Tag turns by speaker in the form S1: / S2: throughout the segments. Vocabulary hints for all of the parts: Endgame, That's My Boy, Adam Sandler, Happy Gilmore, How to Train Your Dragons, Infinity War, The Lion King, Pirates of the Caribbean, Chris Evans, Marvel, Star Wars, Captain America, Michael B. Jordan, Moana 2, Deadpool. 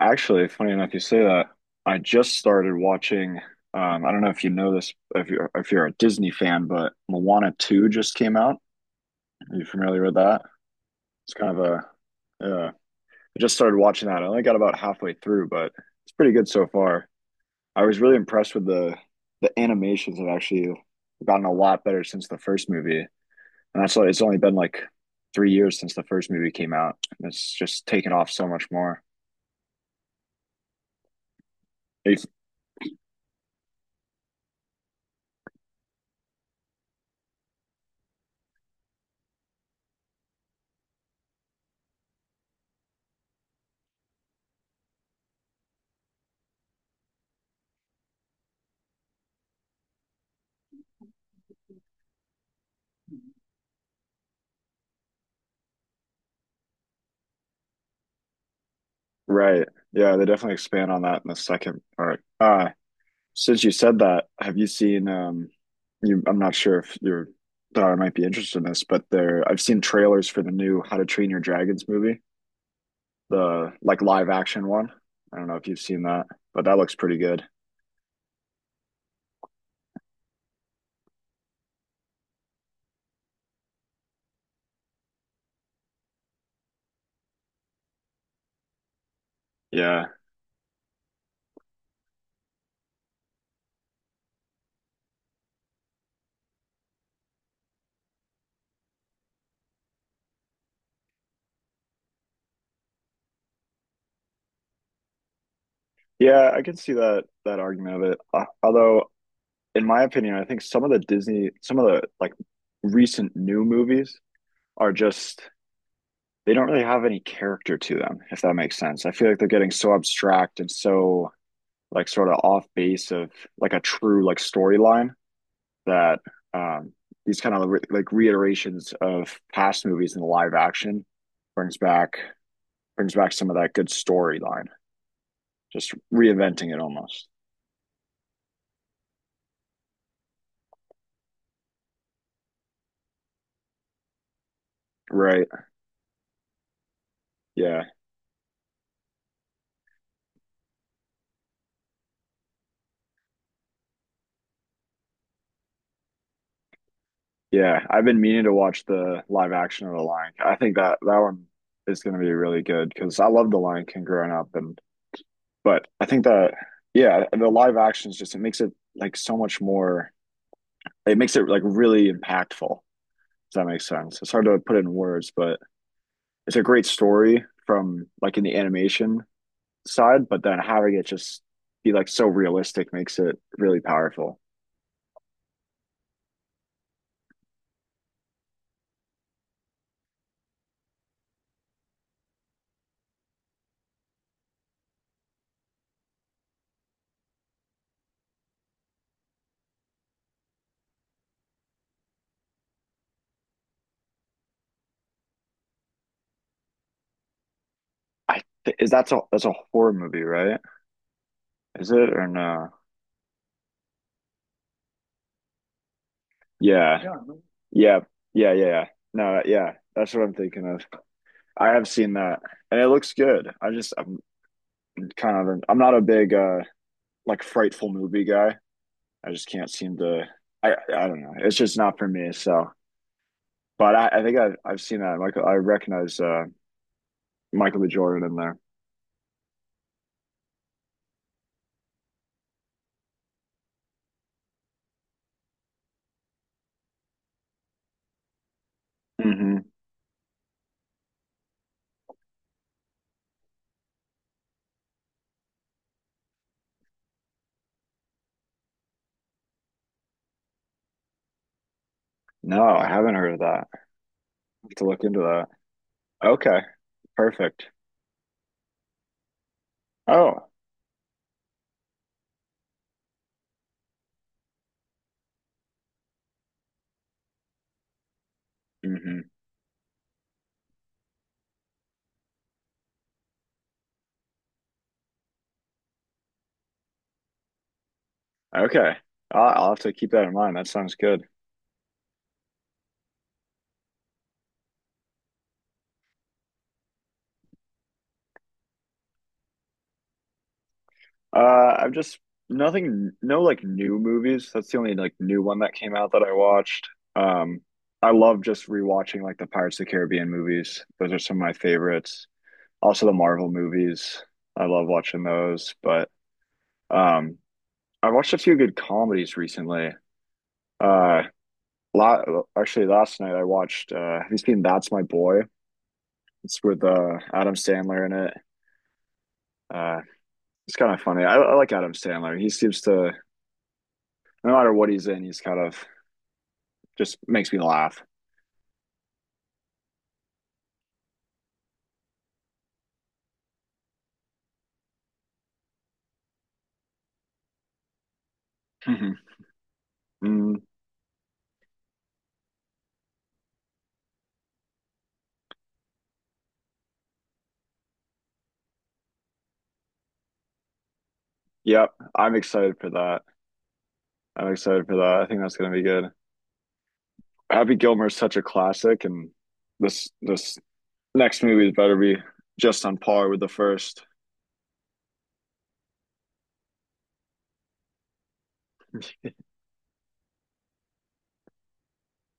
S1: Actually, funny enough, you say that. I just started watching. I don't know if you know this, if you're a Disney fan, but Moana 2 just came out. Are you familiar with that? It's kind of a, yeah. I just started watching that. I only got about halfway through, but it's pretty good so far. I was really impressed with the animations have actually gotten a lot better since the first movie, and that's why it's only been like 3 years since the first movie came out, and it's just taken off so much more. Are you? Right. Yeah, they definitely expand on that in the second part. Since you said that, have you seen you I'm not sure if your daughter might be interested in this, but there I've seen trailers for the new How to Train Your Dragons movie, the like live action one. I don't know if you've seen that, but that looks pretty good. Yeah. Yeah, I can see that that argument of it. Although in my opinion, I think some of the Disney some of the like recent new movies are just they don't really have any character to them, if that makes sense. I feel like they're getting so abstract and so like sort of off base of like a true like storyline that um these kind of like reiterations of past movies in the live action brings back brings back some of that good storyline, just reinventing it almost. Right. Yeah. Yeah, I've been meaning to watch the live action of The Lion King. I think that that one is going to be really good because I loved The Lion King growing up. And But I think that yeah, the live actions just it makes it like so much more. It makes it like really impactful. Does that make sense? It's hard to put it in words, but it's a great story from like in the animation side. But then having it just be like so realistic makes it really powerful. Is that's a horror movie, right? Is it or no? Yeah. Yeah, yeah, yeah, yeah, yeah. No, yeah, that's what I'm thinking of. I have seen that, and it looks good. I just I'm kind of I'm not a big like frightful movie guy. I just can't seem to. I don't know. It's just not for me. So, but I think I've seen that. Michael, I recognize Michael B. Jordan in there. Hmm. No, I haven't heard of that. I have to look into that. Okay, perfect. Oh, hmm, okay. I'll have to keep that in mind. That sounds good. I've just nothing, no like new movies. That's the only like new one that came out that I watched. Um, I love just rewatching like the Pirates of the Caribbean movies. Those are some of my favorites. Also the Marvel movies. I love watching those. But um I watched a few good comedies recently. Uh la Actually last night I watched have you seen That's My Boy? It's with Adam Sandler in it. Uh it's kind of funny. I like Adam Sandler. He seems to no matter what he's in, he's kind of just makes me laugh. Mhm. Mm, yep, I'm excited for that. I'm excited for that. I think that's gonna be good. Happy Gilmore is such a classic, and this next movie better be just on par with the 1st.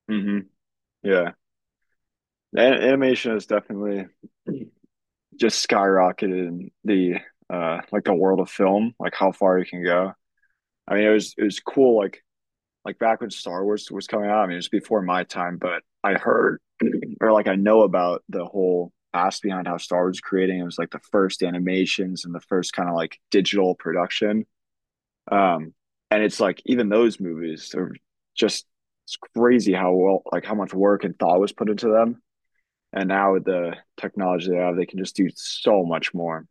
S1: Mm-hmm. Yeah, animation has definitely just skyrocketed in the like the world of film, like how far you can go. I mean, it was cool. Like back when Star Wars was coming out. I mean, it was before my time, but I heard or like I know about the whole past behind how Star Wars was creating. It was like the first animations and the first kind of like digital production. Um, and it's like even those movies are just it's crazy how well like how much work and thought was put into them. And now with the technology they have, they can just do so much more.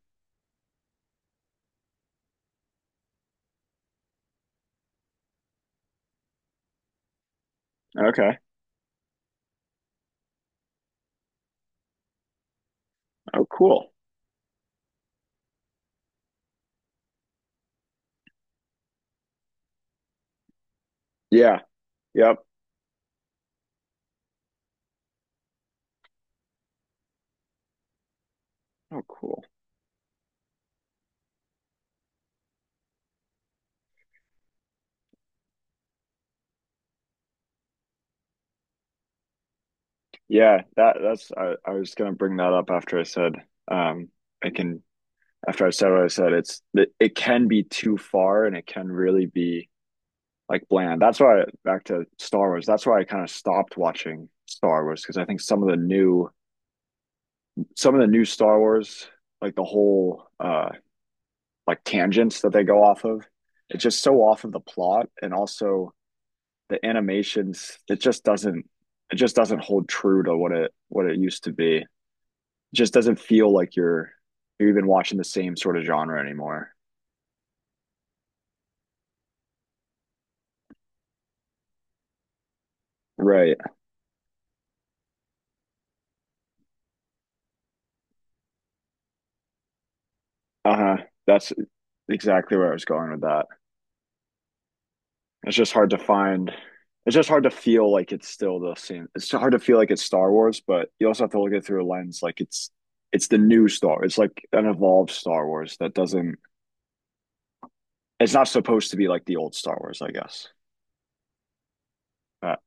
S1: Okay. Oh, cool. Yeah. Yep. Oh, cool. Yeah. That's I was gonna bring that up after I said um I can after I said what I said. It's it can be too far and it can really be like bland. That's why back to Star Wars. That's why I kind of stopped watching Star Wars because I think some of the new some of the new Star Wars, like the whole like tangents that they go off of, it's just so off of the plot and also the animations, it just doesn't hold true to what it used to be. It just doesn't feel like you're even watching the same sort of genre anymore. Right. Uh-huh. That's exactly where I was going with that. It's just hard to find. It's just hard to feel like it's still the same. It's hard to feel like it's Star Wars, but you also have to look at it through a lens like it's the new Star. It's like an evolved Star Wars that doesn't. It's not supposed to be like the old Star Wars, I guess. But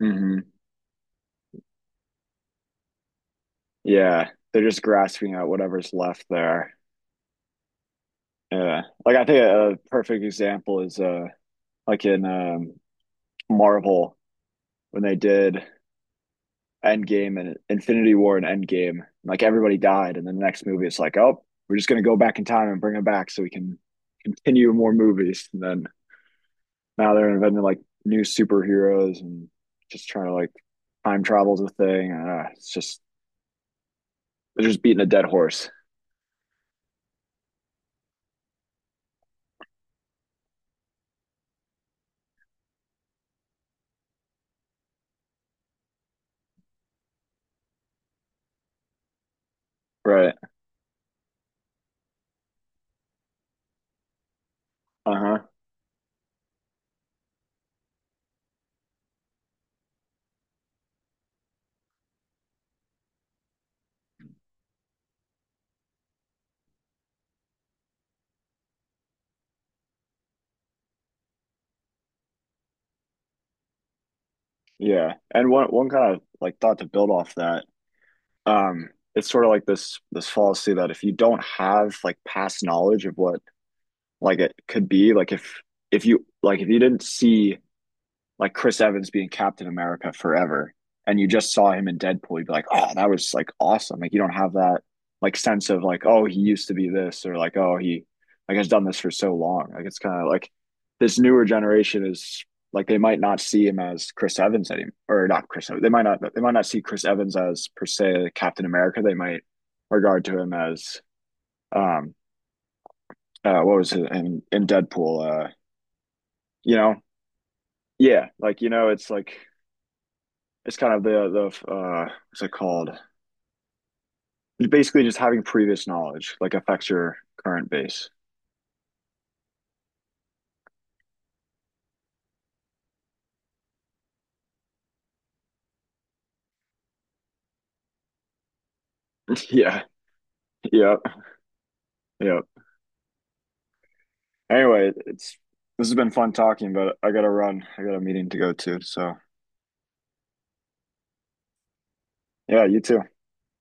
S1: hmm, yeah, they're just grasping at whatever's left there. Yeah, like I think a perfect example is like in Marvel when they did Endgame and Infinity War and Endgame. Like everybody died, and then the next movie it's like, oh, we're just gonna go back in time and bring them back so we can continue more movies. And then now they're inventing like new superheroes and just trying to like time travel's a thing. It's just they're just beating a dead horse, right? Uh huh. Yeah. And one kind of like thought to build off that. Um, it's sort of like this fallacy that if you don't have like past knowledge of what like it could be like if you like if you didn't see like Chris Evans being Captain America forever and you just saw him in Deadpool, you'd be like, oh, that was like awesome. Like you don't have that like sense of like, oh, he used to be this or like, oh, he like has done this for so long. Like it's kind of like this newer generation is like they might not see him as Chris Evans anymore or not Chris Evans. They might not see Chris Evans as per se Captain America. They might regard to him as um what was it in Deadpool, you know, yeah, like you know it's like it's kind of the what's it called, basically just having previous knowledge like affects your current base. Yeah, yeah, yeah, anyway it's this has been fun talking but I gotta run I got a meeting to go to so yeah you too